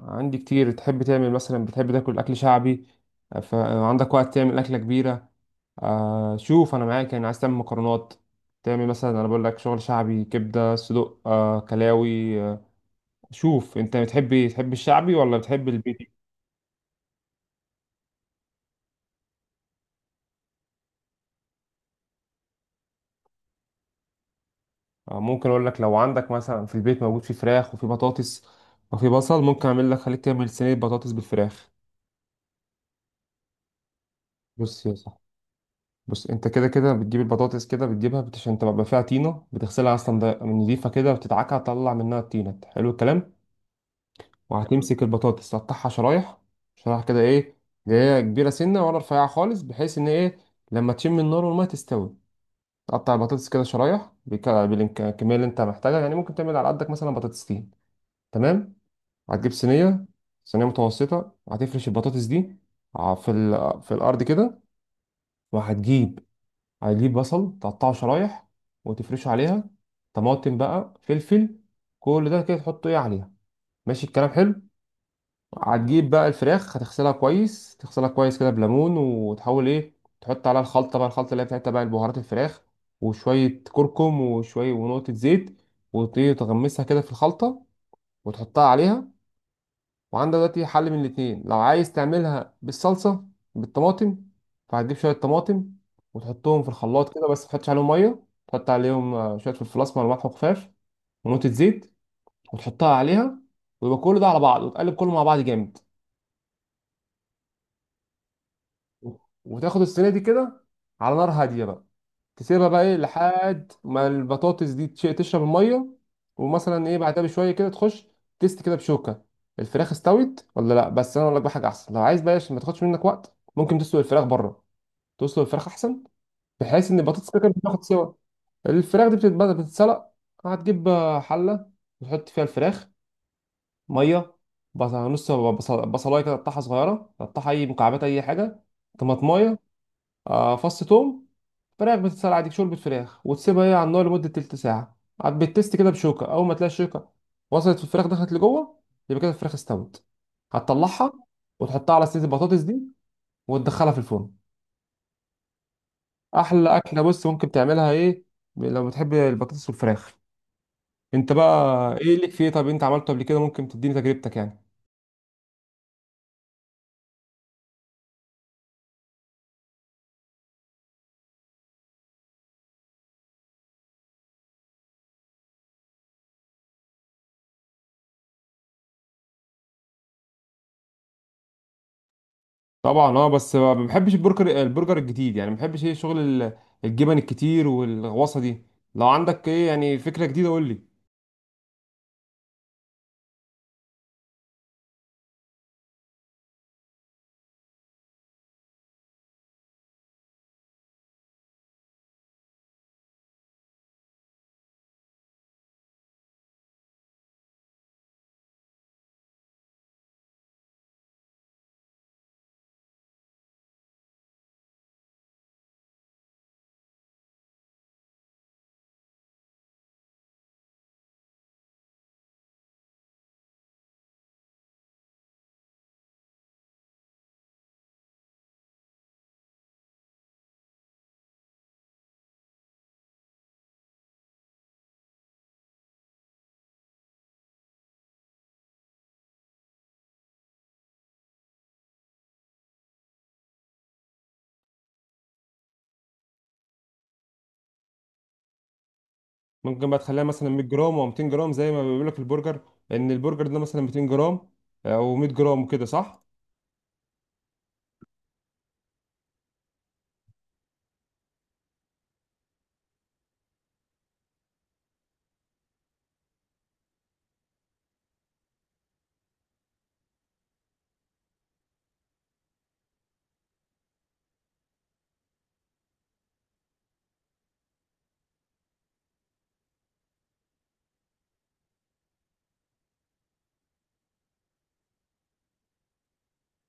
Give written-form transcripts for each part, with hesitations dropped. عندي كتير. تحب تعمل مثلا؟ بتحب تاكل اكل شعبي؟ فعندك وقت تعمل اكله كبيره؟ شوف، انا معاك يعني. عايز تعمل مكرونات، تعمل مثلا، انا بقول لك شغل شعبي: كبده، صدق، كلاوي. شوف انت بتحب، الشعبي ولا بتحب البيتي؟ ممكن اقول لك، لو عندك مثلا في البيت موجود في فراخ وفي بطاطس وفي بصل، ممكن اعمل لك، خليك تعمل صينيه بطاطس بالفراخ. بص يا صاحبي، بص، انت كده كده بتجيب البطاطس، كده عشان تبقى فيها طينه بتغسلها اصلا، نضيفه كده، وبتدعكها تطلع منها الطينه. حلو الكلام؟ تمام. وهتمسك البطاطس تقطعها شرايح، شرايح كده، ايه اللي هي كبيره سنه ولا رفيعه خالص، بحيث ان ايه، لما تشم النار والميه تستوي. تقطع البطاطس كده شرايح بالكميه اللي انت محتاجها، يعني ممكن تعمل على قدك مثلا بطاطستين. تمام؟ هتجيب صينيه، صينيه متوسطه، هتفرش البطاطس دي في الارض كده. وهتجيب بصل تقطعه شرايح وتفرشه عليها. طماطم بقى، فلفل، كل ده كده تحطه ايه عليها. ماشي الكلام؟ حلو. هتجيب بقى الفراخ، هتغسلها كويس، تغسلها كويس كده بليمون، وتحاول ايه، تحط عليها الخلطة بقى، الخلطة اللي هي بتاعتها بقى: البهارات، الفراخ، وشوية كركم وشوية ونقطة زيت، وتغمسها كده في الخلطة وتحطها عليها. وعندك دلوقتي حل من الاتنين: لو عايز تعملها بالصلصة، بالطماطم، فهتجيب شوية طماطم وتحطهم في الخلاط كده، بس متحطش عليهم مية، تحط عليهم شوية فلفل أسمر وملح وخفاف ونقطة زيت، وتحطها عليها، ويبقى كل ده على بعض، وتقلب كله مع بعض جامد. وتاخد الصينيه دي كده على نار هاديه بقى، تسيبها بقى ايه لحد ما البطاطس دي تشرب الميه، ومثلا ايه بعدها بشويه كده تخش تست كده بشوكه، الفراخ استوت ولا لا. بس انا اقول لك بقى حاجه احسن: لو عايز بقى عشان ما تاخدش منك وقت، ممكن تسلق الفراخ بره. تسلق الفراخ احسن، بحيث ان البطاطس كده كده بتاخد سوا، الفراخ دي بتتبدا بتتسلق. هتجيب حله وتحط فيها الفراخ، ميه، بصلايه كده تقطعها صغيره، تقطعها اي مكعبات، اي حاجه، طماطمايه، فص توم. فراخ بتتسلق عادي، شوربة فراخ، وتسيبها هي على النار لمدة تلت ساعة، عاد بتست كده بشوكة، أول ما تلاقي الشوكة وصلت في الفراخ دخلت لجوه، يبقى كده الفراخ استوت. هتطلعها وتحطها على صينية البطاطس دي وتدخلها في الفرن. أحلى أكلة. بص ممكن تعملها إيه لو بتحب البطاطس والفراخ. أنت بقى إيه ليك فيه؟ طب أنت عملته قبل كده؟ ممكن تديني تجربتك يعني. طبعا اه، بس ما بحبش البرجر، البرجر الجديد يعني، ما بحبش ايه، شغل الجبن الكتير والغوصه دي. لو عندك ايه يعني فكره جديده قول لي. ممكن بقى تخليها مثلا 100 جرام او 200 جرام، زي ما بيقول لك البرجر، لان البرجر ده مثلا 200 جرام او 100 جرام، وكده صح.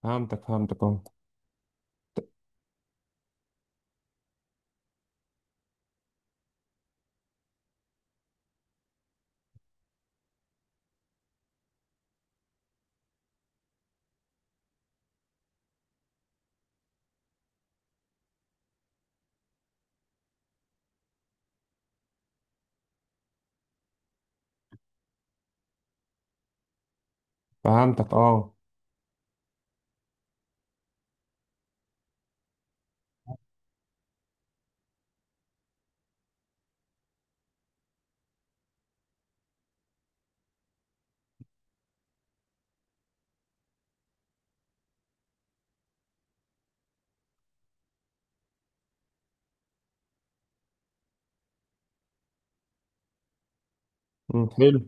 فهمتك اه. فهمتك اه. أمم، حلو.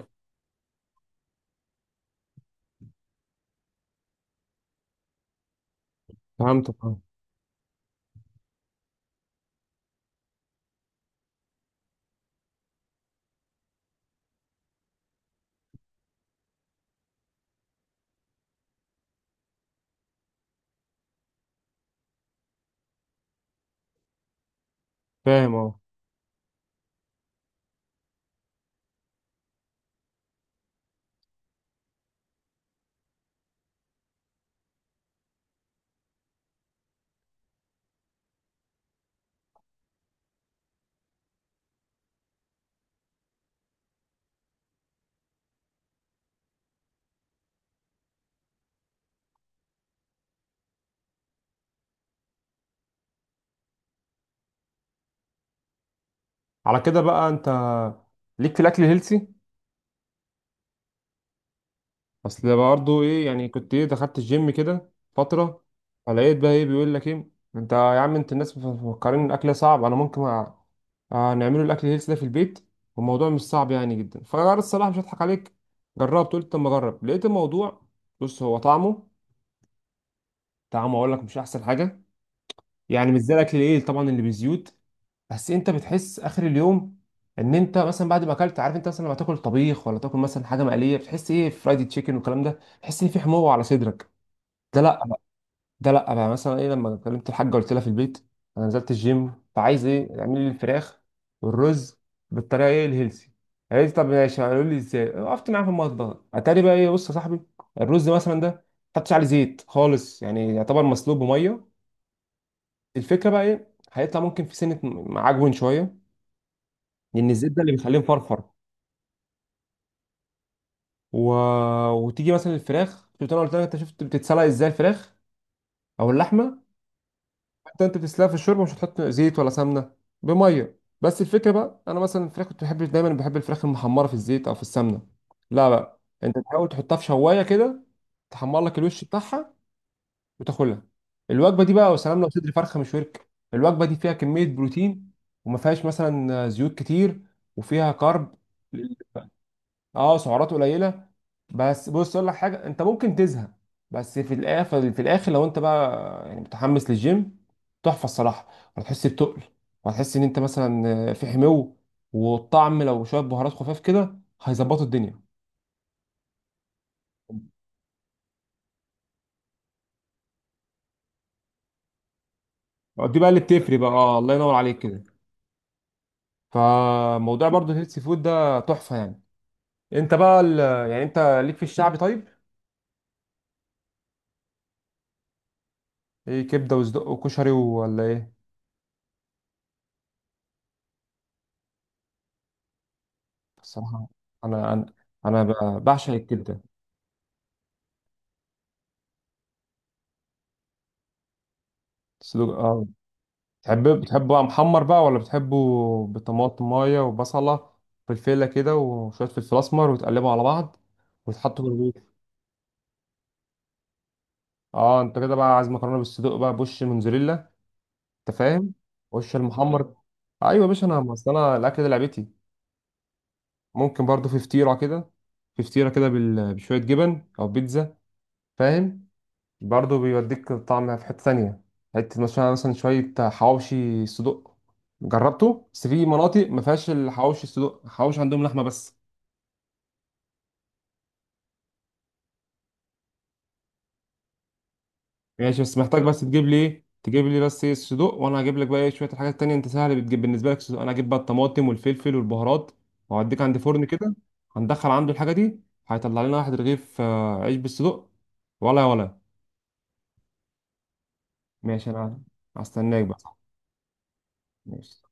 فهمتك اه. فاهم اه. على كده بقى انت ليك في الاكل الهيلسي. اصل برضه ايه يعني، كنت ايه، دخلت الجيم كده فتره، فلقيت بقى ايه بيقول لك ايه، انت يا عم انت، الناس مفكرين الاكل صعب، انا ممكن نعمله الاكل هيلث ده في البيت، والموضوع مش صعب يعني جدا. فانا الصراحه مش هضحك عليك، جربت، قلت اما اجرب، لقيت الموضوع، بص هو طعمه، طعمه اقول لك مش احسن حاجه، يعني مش زي الاكل الايه طبعا اللي بزيوت، بس انت بتحس اخر اليوم ان انت مثلا بعد ما اكلت، عارف انت مثلا لما تاكل طبيخ ولا تاكل مثلا حاجه مقليه بتحس ايه، فرايدي تشيكن والكلام ده، تحس ان في حموضه على صدرك. ده لا بقى- ده لا بقى مثلا ايه، لما كلمت الحاجه، قلت لها في البيت انا نزلت الجيم، فعايز ايه اعملي لي الفراخ والرز بالطريقه ايه الهيلثي، قالت لي طب ماشي. قالوا لي ازاي؟ وقفت معاها في المطبخ، اتاري بقى ايه، بص يا صاحبي، الرز مثلا ده ما حطيتش عليه زيت خالص، يعني يعتبر مسلوق بميه. الفكره بقى ايه، هيطلع ممكن في سنه معجون شويه، لان الزيت ده اللي بيخليه مفرفر. و... وتيجي مثلا الفراخ، شفت انا قلت لك انت، شفت بتتسلق ازاي الفراخ او اللحمه، انت بتسلقها في الشوربه، مش هتحط زيت ولا سمنه، بميه بس. الفكره بقى، انا مثلا الفراخ كنت بحب دايما، بحب الفراخ المحمره في الزيت او في السمنه، لا بقى انت تحاول تحطها في شوايه كده، تحمر لك الوش بتاعها وتاكلها. الوجبه دي بقى وسلام، لو صدر فرخه مش ورك، الوجبه دي فيها كميه بروتين، وما فيهاش مثلا زيوت كتير، وفيها كارب. اه سعرات قليله. بس بص اقول لك حاجه، انت ممكن تزهق، بس في الاخر، في الاخر لو انت بقى يعني متحمس للجيم، تحفه الصراحه. هتحس بتقل، وهتحس ان انت مثلا في حمو، والطعم لو شويه بهارات خفاف كده هيظبطوا الدنيا. دي بقى اللي بتفرق بقى. اه الله ينور عليك كده. فموضوع برضو الهيلثي فود ده تحفه يعني. انت بقى يعني انت ليك في الشعبي طيب؟ ايه، كبده وصدق وكشري ولا ايه؟ الصراحه، انا انا انا بعشق الكبده، صدق. تحب بتحبه محمر بقى، ولا بتحبه بطماطمايه وبصله فلفله كده وشويه فلفل اسمر، وتقلبه على بعض وتحطه في الرغيف. اه انت كده بقى عايز مكرونه بالصدق بقى، بوش موتزاريلا. انت فاهم؟ وش المحمر. ايوه يا باشا، انا اصل انا الاكل ده لعبتي. ممكن برضو في فطيره كده، في فطيره كده بشويه جبن، او بيتزا. فاهم؟ برضه بيوديك طعمها في حتة تانية. حتة مثلا، شوية حواوشي صدق، جربته، بس في مناطق ما فيهاش الحواوشي الصدق، الحواوشي عندهم لحمة بس. ماشي، بس محتاج بس تجيب لي ايه، تجيب لي بس ايه الصدق، وانا هجيب لك بقى ايه شوية الحاجات التانية. انت سهل بتجيب بالنسبة لك الصدق، انا هجيب بقى الطماطم والفلفل والبهارات، وهوديك عند فرن كده، هندخل عنده الحاجة دي، هيطلع لنا واحد رغيف عيش بالصدق. ولا. ماشي. انا هستناك بقى. ماشي.